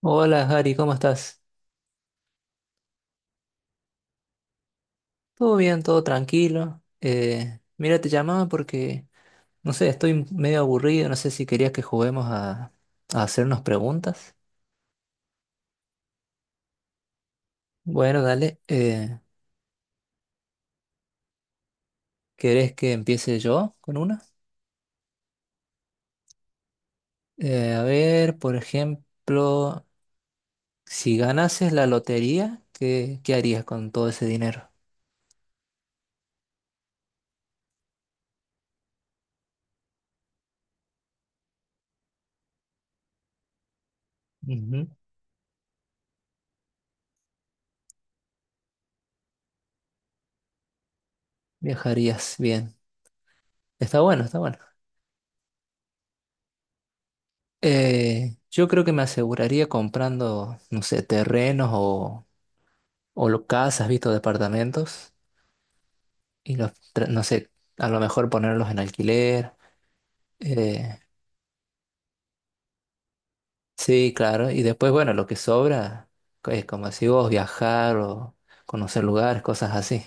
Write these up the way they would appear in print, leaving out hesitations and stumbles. Hola, Gary, ¿cómo estás? Todo bien, todo tranquilo. Mira, te llamaba porque, no sé, estoy medio aburrido, no sé si querías que juguemos a hacernos preguntas. Bueno, dale, ¿querés que empiece yo con una? A ver, por ejemplo, si ganases la lotería, ¿ qué harías con todo ese dinero? Ujú. Viajarías bien. Está bueno, está bueno. Yo creo que me aseguraría comprando, no sé, terrenos o casas, visto departamentos, y no sé, a lo mejor ponerlos en alquiler. eh, sí, claro, y después, bueno, lo que sobra, es como si vos, viajar o conocer lugares, cosas así.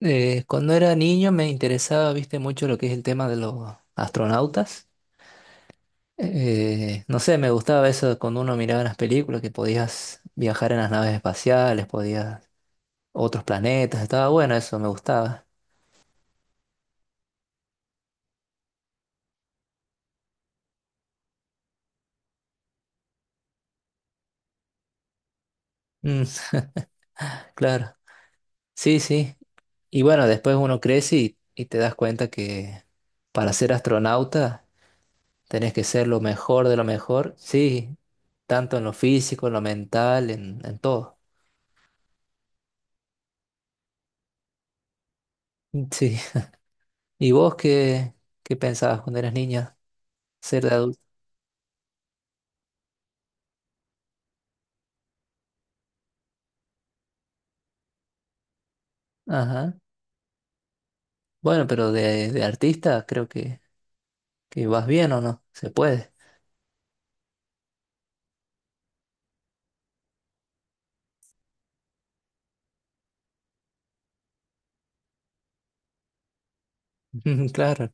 Cuando era niño me interesaba, viste, mucho lo que es el tema de los astronautas. No sé, me gustaba eso cuando uno miraba las películas, que podías viajar en las naves espaciales, podías otros planetas, estaba bueno eso, me gustaba. Mm, claro. Sí, sí. Y bueno, después uno crece y te das cuenta que para ser astronauta tenés que ser lo mejor de lo mejor, sí, tanto en lo físico, en lo mental, en todo. Sí. ¿Y vos qué pensabas cuando eras niña? Ser de adulto. Ajá. Bueno, pero de artista creo que vas bien o no, se puede. Claro,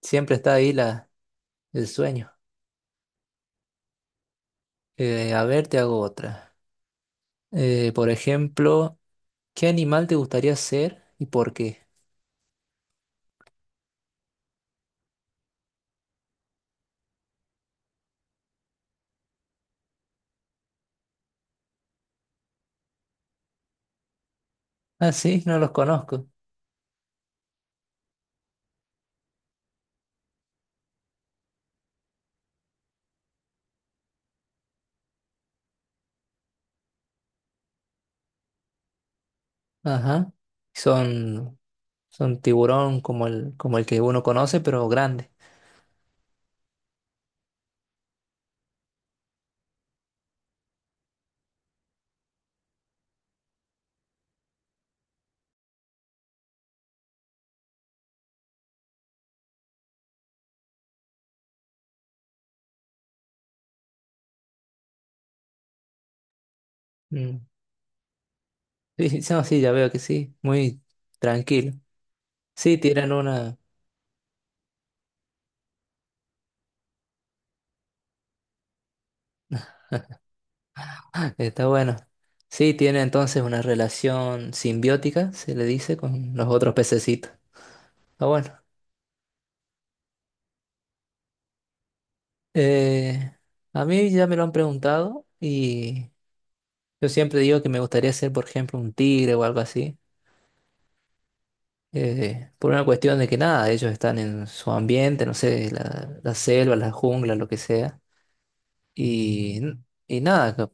siempre está ahí la, el sueño. A ver, te hago otra. Por ejemplo... ¿Qué animal te gustaría ser y por qué? Ah, sí, no los conozco. Ajá. Son, son tiburón como el que uno conoce, pero grande. Mm. Sí, sí, no, sí, ya veo que sí. Muy tranquilo. Sí, tienen una. Está bueno. Sí, tiene entonces una relación simbiótica, se le dice, con los otros pececitos. Está bueno. Eh, a mí ya me lo han preguntado y yo siempre digo que me gustaría ser, por ejemplo, un tigre o algo así. Por una cuestión de que nada, ellos están en su ambiente, no sé, la selva, la jungla, lo que sea. Y, y nada, co-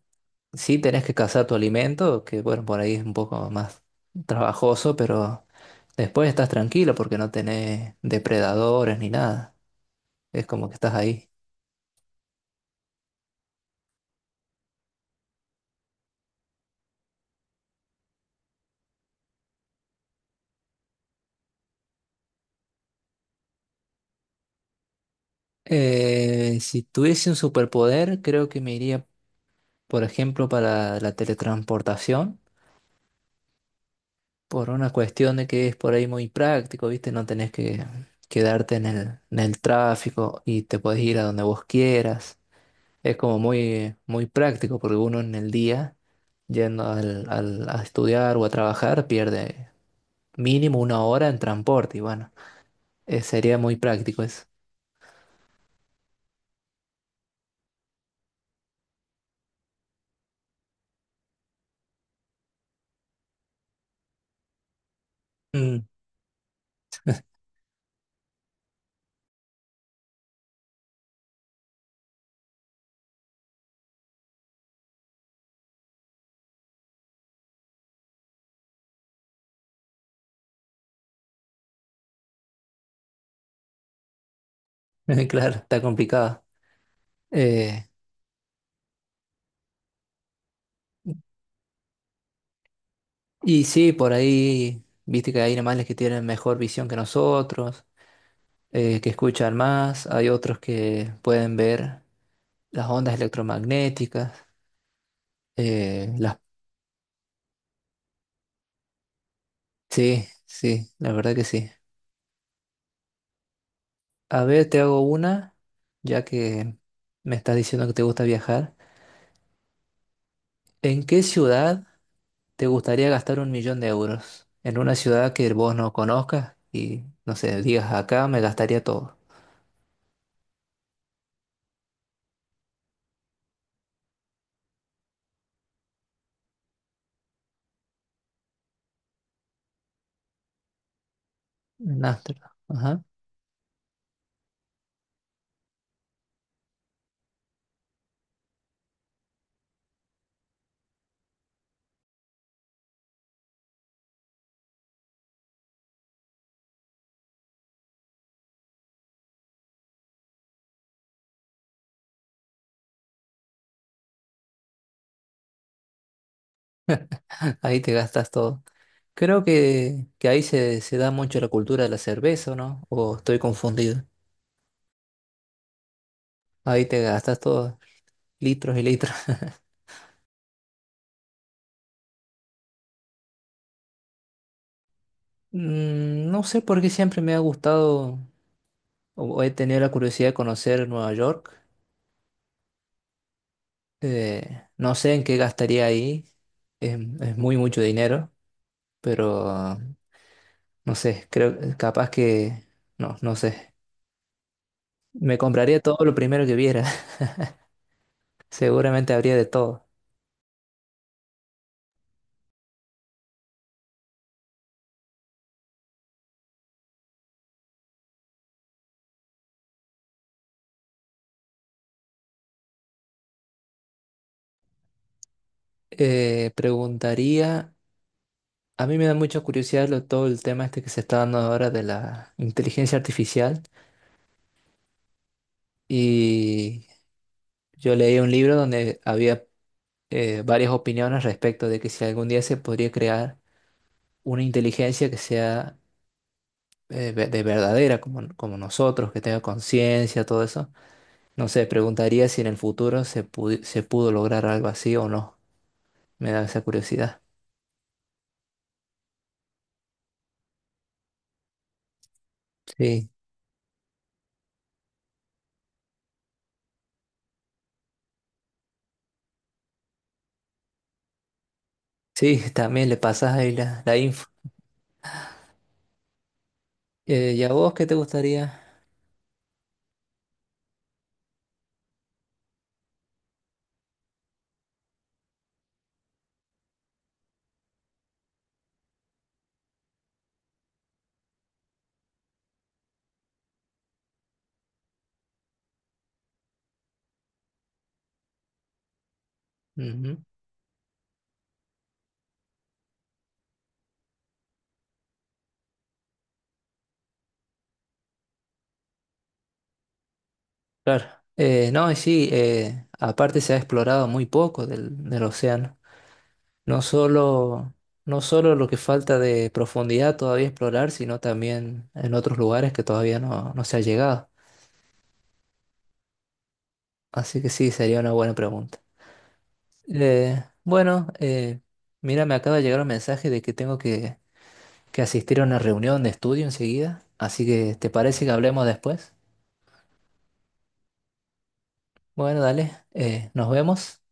sí tenés que cazar tu alimento, que bueno, por ahí es un poco más trabajoso, pero después estás tranquilo porque no tenés depredadores ni nada. Es como que estás ahí. Si tuviese un superpoder, creo que me iría, por ejemplo, para la teletransportación. Por una cuestión de que es por ahí muy práctico, ¿viste? No tenés que quedarte en en el tráfico y te podés ir a donde vos quieras. Es como muy, muy práctico porque uno en el día, yendo a estudiar o a trabajar, pierde mínimo una hora en transporte y bueno, sería muy práctico eso. Mm. Claro, está complicado. Eh, y sí, por ahí, viste que hay animales que tienen mejor visión que nosotros. Que escuchan más, hay otros que pueden ver las ondas electromagnéticas, eh, las... Sí, sí, la verdad que sí. A ver, te hago una, ya que me estás diciendo que te gusta viajar. ¿En qué ciudad te gustaría gastar 1 millón de euros? En una ciudad que vos no conozcas y, no sé, digas acá me gastaría todo. En Ámsterdam. Ajá. Ahí te gastas todo. Creo que ahí se da mucho la cultura de la cerveza, ¿o ¿no? ¿O estoy confundido? Ahí te gastas todos litros y litros. Mm, no sé por qué siempre me ha gustado o he tenido la curiosidad de conocer Nueva York. No sé en qué gastaría ahí. Es muy mucho dinero, pero no sé, creo capaz que no sé. Me compraría todo lo primero que viera. Seguramente habría de todo. Preguntaría, a mí me da mucha curiosidad todo el tema este que se está dando ahora de la inteligencia artificial y yo leí un libro donde había varias opiniones respecto de que si algún día se podría crear una inteligencia que sea de verdadera, como, como nosotros, que tenga conciencia, todo eso. No sé, preguntaría si en el futuro se pudo lograr algo así o no. Me da esa curiosidad. Sí, sí, también le pasas ahí la info. ¿Y a vos qué te gustaría? Ujú. Claro. No, y sí, aparte se ha explorado muy poco del océano. No solo, no solo lo que falta de profundidad todavía explorar, sino también en otros lugares que todavía no se ha llegado. Así que sí, sería una buena pregunta. Bueno, mira, me acaba de llegar un mensaje de que tengo que asistir a una reunión de estudio enseguida. Así que, ¿te parece que hablemos después? Bueno, dale, nos vemos.